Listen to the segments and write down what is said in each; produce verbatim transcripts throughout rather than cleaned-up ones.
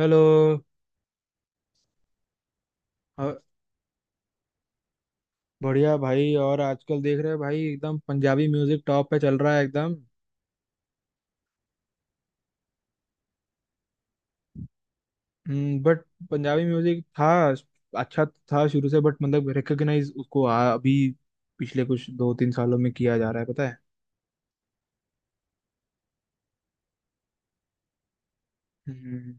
Hello. अ- बढ़िया भाई। और आजकल देख रहे हैं भाई, एकदम पंजाबी म्यूजिक टॉप पे चल रहा है एकदम। हम्म, बट पंजाबी म्यूजिक था अच्छा, था शुरू से बट मतलब रिकॉग्नाइज उसको आ, अभी पिछले कुछ दो तीन सालों में किया जा रहा है, पता है। हम्म।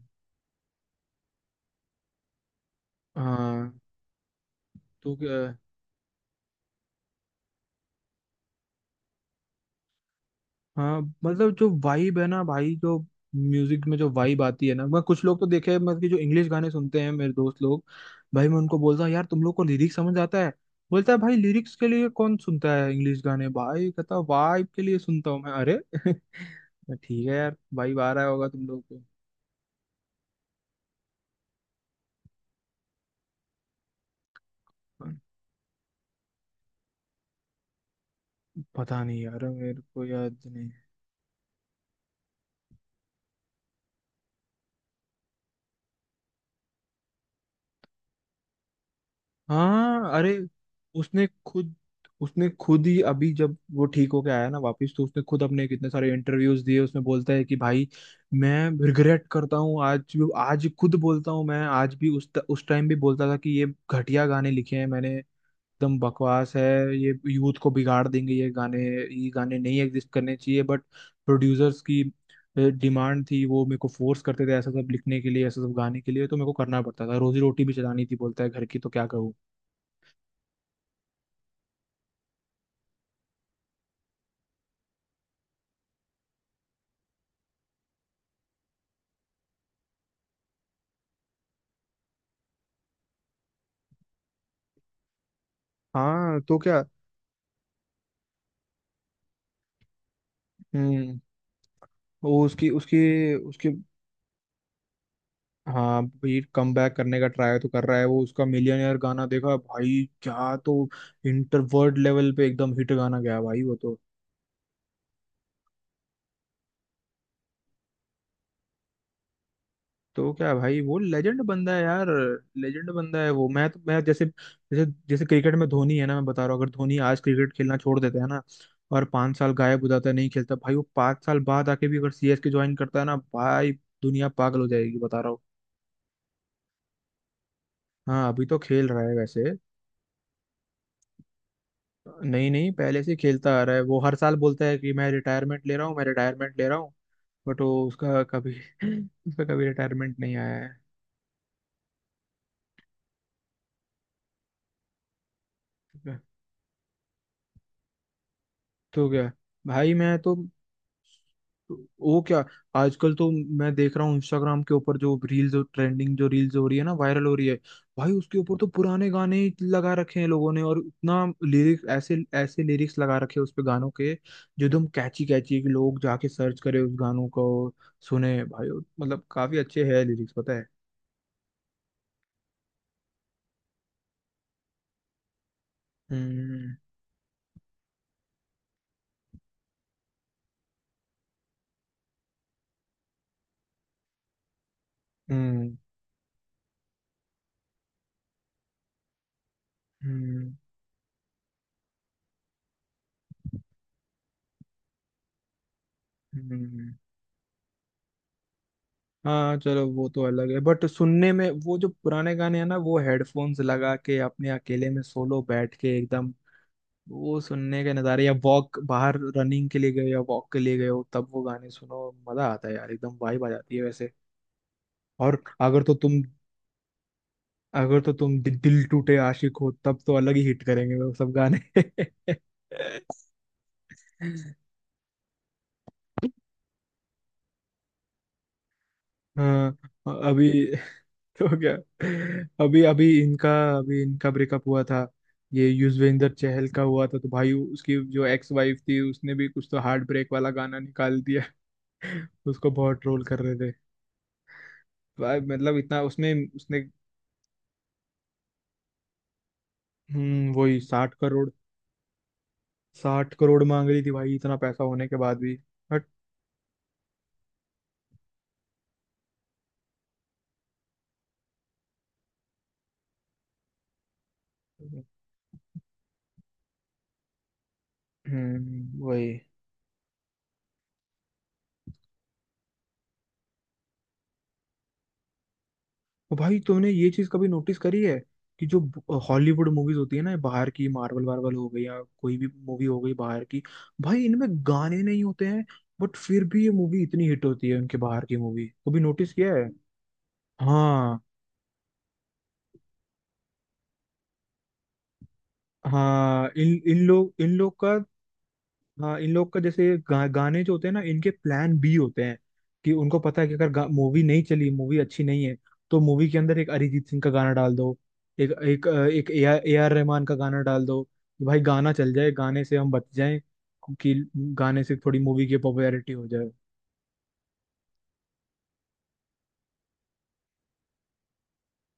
हाँ। तो क्या। हाँ, मतलब जो वाइब है ना भाई, जो म्यूजिक में जो वाइब आती है ना, मैं कुछ लोग तो देखे हैं, मतलब कि जो इंग्लिश गाने सुनते हैं मेरे दोस्त लोग। भाई मैं उनको बोलता हूँ, यार तुम लोग को लिरिक्स समझ आता है? बोलता है भाई लिरिक्स के लिए कौन सुनता है इंग्लिश गाने, भाई कहता वाइब के लिए सुनता हूँ मैं, अरे ठीक है यार, वाइब आ रहा होगा तुम लोग को। हाँ। पता नहीं यार, मेरे को याद नहीं। हाँ। अरे उसने खुद उसने खुद ही अभी जब वो ठीक होके आया ना वापस, तो उसने खुद अपने कितने सारे इंटरव्यूज दिए, उसमें बोलता है कि भाई मैं रिग्रेट करता हूँ आज भी, आज खुद बोलता हूँ मैं, आज भी उस उस टाइम भी बोलता था कि ये घटिया गाने लिखे हैं मैंने, एकदम बकवास है, ये यूथ को बिगाड़ देंगे, ये गाने ये गाने नहीं एग्जिस्ट करने चाहिए बट प्रोड्यूसर्स की डिमांड थी, वो मेरे को फोर्स करते थे ऐसा सब लिखने के लिए, ऐसा सब गाने के लिए, तो मेरे को करना पड़ता था, रोजी रोटी भी चलानी थी, बोलता है घर की, तो क्या करूँ। हाँ तो क्या। हम्म। वो उसकी उसकी उसकी हाँ भाई, कम बैक करने का ट्राई तो कर रहा है वो, उसका मिलियनेयर गाना देखा भाई क्या तो, इंटर वर्ल्ड लेवल पे एकदम हिट गाना गया भाई वो तो। तो क्या भाई, वो लेजेंड बंदा है यार, लेजेंड बंदा है वो। मैं तो मैं जैसे, जैसे जैसे क्रिकेट में धोनी है ना, मैं बता रहा हूँ अगर धोनी आज क्रिकेट खेलना छोड़ देता है ना और पाँच साल गायब हो जाता है, नहीं खेलता भाई, वो पाँच साल बाद आके भी अगर सी एस के ज्वाइन करता है ना भाई, दुनिया पागल हो जाएगी, बता रहा हूँ। हाँ अभी तो खेल रहा है वैसे। नहीं नहीं, पहले से खेलता आ रहा है वो, हर साल बोलता है कि मैं रिटायरमेंट ले रहा हूँ, मैं रिटायरमेंट ले रहा हूँ बट वो उसका कभी उसका कभी रिटायरमेंट नहीं आया। है। तो क्या भाई। मैं तो। वो क्या, आजकल तो मैं देख रहा हूँ इंस्टाग्राम के ऊपर जो रील्स ट्रेंडिंग, जो रील्स हो रही है ना वायरल हो रही है, भाई उसके ऊपर तो पुराने गाने ही लगा रखे हैं लोगों ने, और इतना लिरिक्स ऐसे, ऐसे लिरिक्स लगा रखे हैं उस पे गानों के जो एकदम कैची कैची है, कि लोग जाके सर्च करें उस गानों को, सुने भाई। मतलब काफी अच्छे है लिरिक्स, पता है। हम्म। हम्म। हम्म। हम्म। हाँ चलो, वो तो अलग है बट सुनने में वो जो पुराने गाने हैं ना, वो हेडफोन्स लगा के अपने अकेले में सोलो बैठ के एकदम, वो सुनने के नज़ारे या वॉक बाहर, रनिंग के लिए गए या वॉक के लिए गए हो, तब वो गाने सुनो मजा आता है यार, एकदम वाइब आ जाती है वैसे। और अगर तो तुम अगर तो तुम दि, दिल टूटे आशिक हो तब तो अलग ही हिट करेंगे वो सब गाने हाँ। अभी तो क्या, अभी अभी इनका अभी इनका ब्रेकअप हुआ था, ये युजवेंद्र चहल का हुआ था, तो भाई उसकी जो एक्स वाइफ थी उसने भी कुछ तो हार्ट ब्रेक वाला गाना निकाल दिया उसको बहुत ट्रोल कर रहे, भाई मतलब इतना उसमें उसने, हम्म, वही साठ करोड़, साठ करोड़ मांग रही थी भाई इतना पैसा होने के बाद भी, बट। हम्म वही। और भाई तुमने ये चीज कभी नोटिस करी है कि जो हॉलीवुड मूवीज होती है ना बाहर की, मार्वल वार्वल हो गई या कोई भी मूवी हो गई बाहर की, भाई इनमें गाने नहीं होते हैं बट फिर भी ये मूवी इतनी हिट होती है उनके, बाहर की मूवी कभी नोटिस किया है? हाँ हाँ। इन इन लोग इन लोग का हाँ, इन लोग का जैसे गा, गाने जो होते हैं ना, इनके प्लान बी होते हैं, कि उनको पता है कि अगर मूवी नहीं चली, मूवी अच्छी नहीं है, तो मूवी के अंदर एक अरिजीत सिंह का गाना डाल दो, एक एक अ, एक A R A R Rahman का गाना डाल दो, कि भाई गाना चल जाए, गाने से हम बच जाएं, कि गाने से थोड़ी मूवी की पॉपुलैरिटी हो जाए।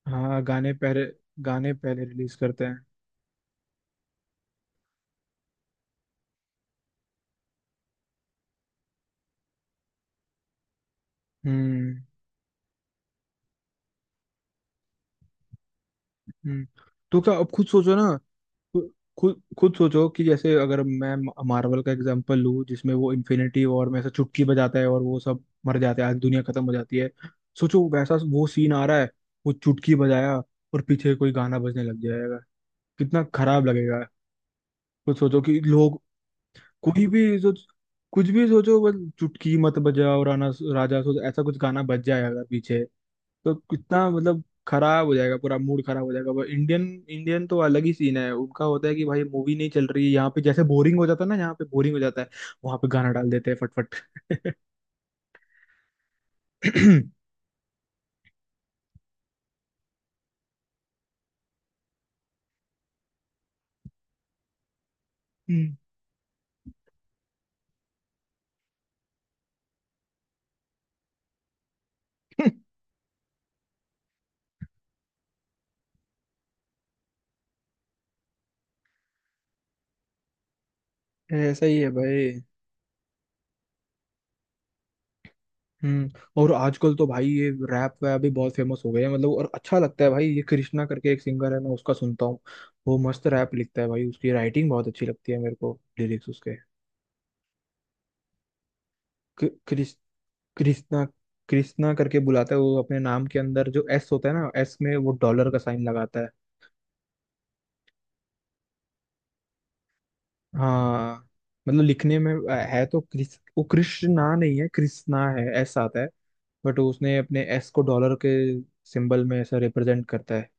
हाँ, गाने पहले गाने पहले रिलीज करते हैं। हम्म। हम्म। तो क्या, अब खुद सोचो ना। खु- खुद खुद सोचो कि जैसे, अगर मैं मार्वल का एग्जांपल लूँ जिसमें वो इन्फिनिटी वॉर में ऐसा चुटकी बजाता है और वो सब मर जाते हैं, आज दुनिया खत्म हो जाती है, सोचो वैसा वो सीन आ रहा है, वो चुटकी बजाया और पीछे कोई गाना बजने लग जाएगा, कितना खराब लगेगा। खुद सोचो कि लोग, कोई भी सोच, कुछ भी सोचो, बस चुटकी मत बजाओ राना राजा, सोचो ऐसा कुछ गाना बज जाए अगर पीछे, तो कितना मतलब खराब हो जाएगा, पूरा मूड खराब हो जाएगा। इंडियन, इंडियन तो अलग ही सीन है उनका, होता है कि भाई मूवी नहीं चल रही है यहाँ पे, जैसे बोरिंग हो जाता है ना, यहाँ पे बोरिंग हो जाता है, वहां पे गाना डाल देते हैं फटफट। ऐसा ही है भाई। हम्म। और आजकल तो भाई ये रैप वैप भी बहुत फेमस हो गए हैं, मतलब और अच्छा लगता है भाई, ये कृष्णा करके एक सिंगर है, मैं उसका सुनता हूँ, वो मस्त रैप लिखता है भाई, उसकी राइटिंग बहुत अच्छी लगती है मेरे को लिरिक्स उसके, कृ- कृष कृष्णा, कृष्णा करके बुलाता है वो, अपने नाम के अंदर जो एस होता है ना, एस में वो डॉलर का साइन लगाता है। हाँ, मतलब लिखने में है तो कृष, वो कृष्णा नहीं है, कृष्णा है, एस आता है, बट उसने अपने एस को डॉलर के सिंबल में ऐसा रिप्रेजेंट करता है।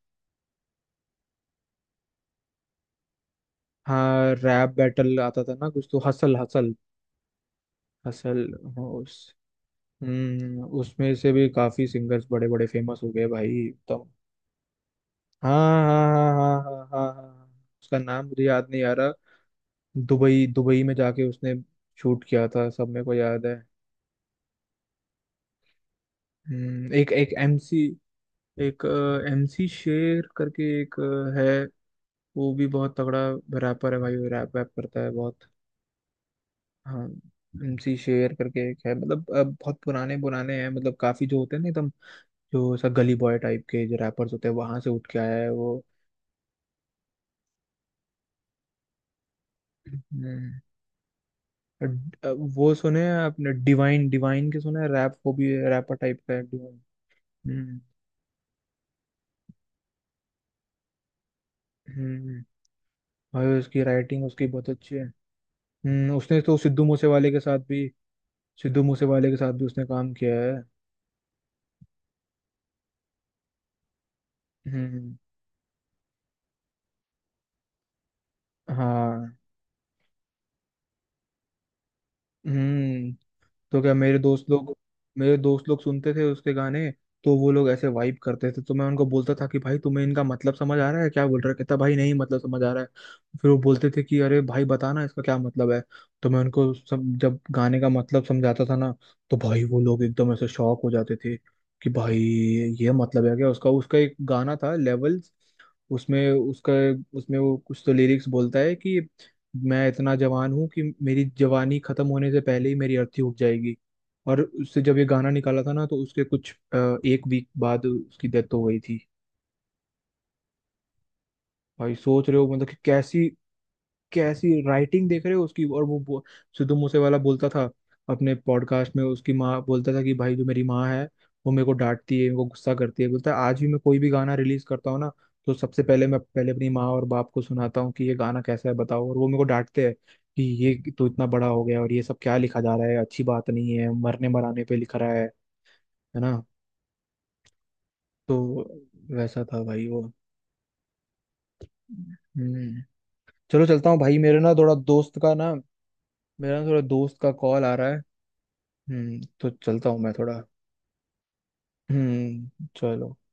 हाँ, रैप बैटल आता था ना, कुछ तो हसल, हसल हसल। हाँ उस, हम्म, उसमें से भी काफी सिंगर्स बड़े बड़े फेमस हो गए भाई, एकदम। हाँ हाँ हाँ हाँ हाँ हाँ हाँ हाँ, हाँ, हाँ, हाँ, हाँ, उसका नाम मुझे याद नहीं आ रहा। दुबई दुबई में जाके उसने शूट किया था, सब मेरे को याद है। हम्म, एक एक एमसी एक एम सी शेर करके एक अ, है, वो भी बहुत तगड़ा रैपर है भाई, वो रैप वैप करता है बहुत। हाँ, एम सी शेर करके एक है, मतलब अ, बहुत पुराने पुराने हैं, मतलब काफी जो होते हैं ना एकदम, जो सब गली बॉय टाइप के जो रैपर्स होते हैं वहां से उठ के आया है वो। हम्म, अ, वो सुने हैं आपने डिवाइन? डिवाइन के सुने हैं? रैप, वो भी रैपर टाइप का है डिवाइन। हम्म। हम्म। भाई उसकी राइटिंग, उसकी बहुत अच्छी है। हम्म, उसने तो सिद्धू मूसेवाले के साथ भी, सिद्धू मूसेवाले के साथ भी उसने काम किया है। हम्म। हाँ। हम्म, तो क्या, मेरे दोस्त लोग मेरे दोस्त लोग सुनते थे उसके गाने, तो वो लोग ऐसे वाइब करते थे, तो मैं उनको बोलता था कि भाई तुम्हें इनका मतलब समझ आ रहा है, क्या बोल रहा है, कहता भाई नहीं, मतलब समझ आ रहा है। फिर वो बोलते थे कि अरे भाई बताना इसका क्या मतलब है, तो मैं उनको सब, जब गाने का मतलब समझाता था ना, तो भाई वो लोग एकदम ऐसे शॉक हो जाते थे कि भाई ये मतलब है क्या उसका। उसका एक गाना था लेवल, उसमें उसका, उसमें वो कुछ तो लिरिक्स बोलता है कि मैं इतना जवान हूँ कि मेरी जवानी खत्म होने से पहले ही मेरी अर्थी उग जाएगी, और उससे जब ये गाना निकाला था ना, तो उसके कुछ अ, एक वीक बाद उसकी डेथ हो गई थी। भाई सोच रहे हो मतलब कि कैसी, कैसी राइटिंग देख रहे हो उसकी, और वो, वो सिद्धू मूसे वाला बोलता था अपने पॉडकास्ट में, उसकी माँ, बोलता था कि भाई जो मेरी माँ है वो मेरे को डांटती है, मेरे को गुस्सा करती है, बोलता है आज भी मैं कोई भी गाना रिलीज करता हूँ ना तो सबसे पहले मैं, पहले अपनी माँ और बाप को सुनाता हूँ कि ये गाना कैसा है बताओ, और वो मेरे को डांटते हैं कि ये तो इतना बड़ा हो गया और ये सब क्या लिखा जा रहा है, अच्छी बात नहीं है, मरने मराने पे लिखा रहा है है ना। तो वैसा था भाई वो। हम्म, चलो चलता हूँ भाई, मेरे ना थोड़ा दोस्त का ना, मेरा ना थोड़ा दोस्त का कॉल आ रहा है। हम्म, तो चलता हूँ मैं थोड़ा। हम्म चलो।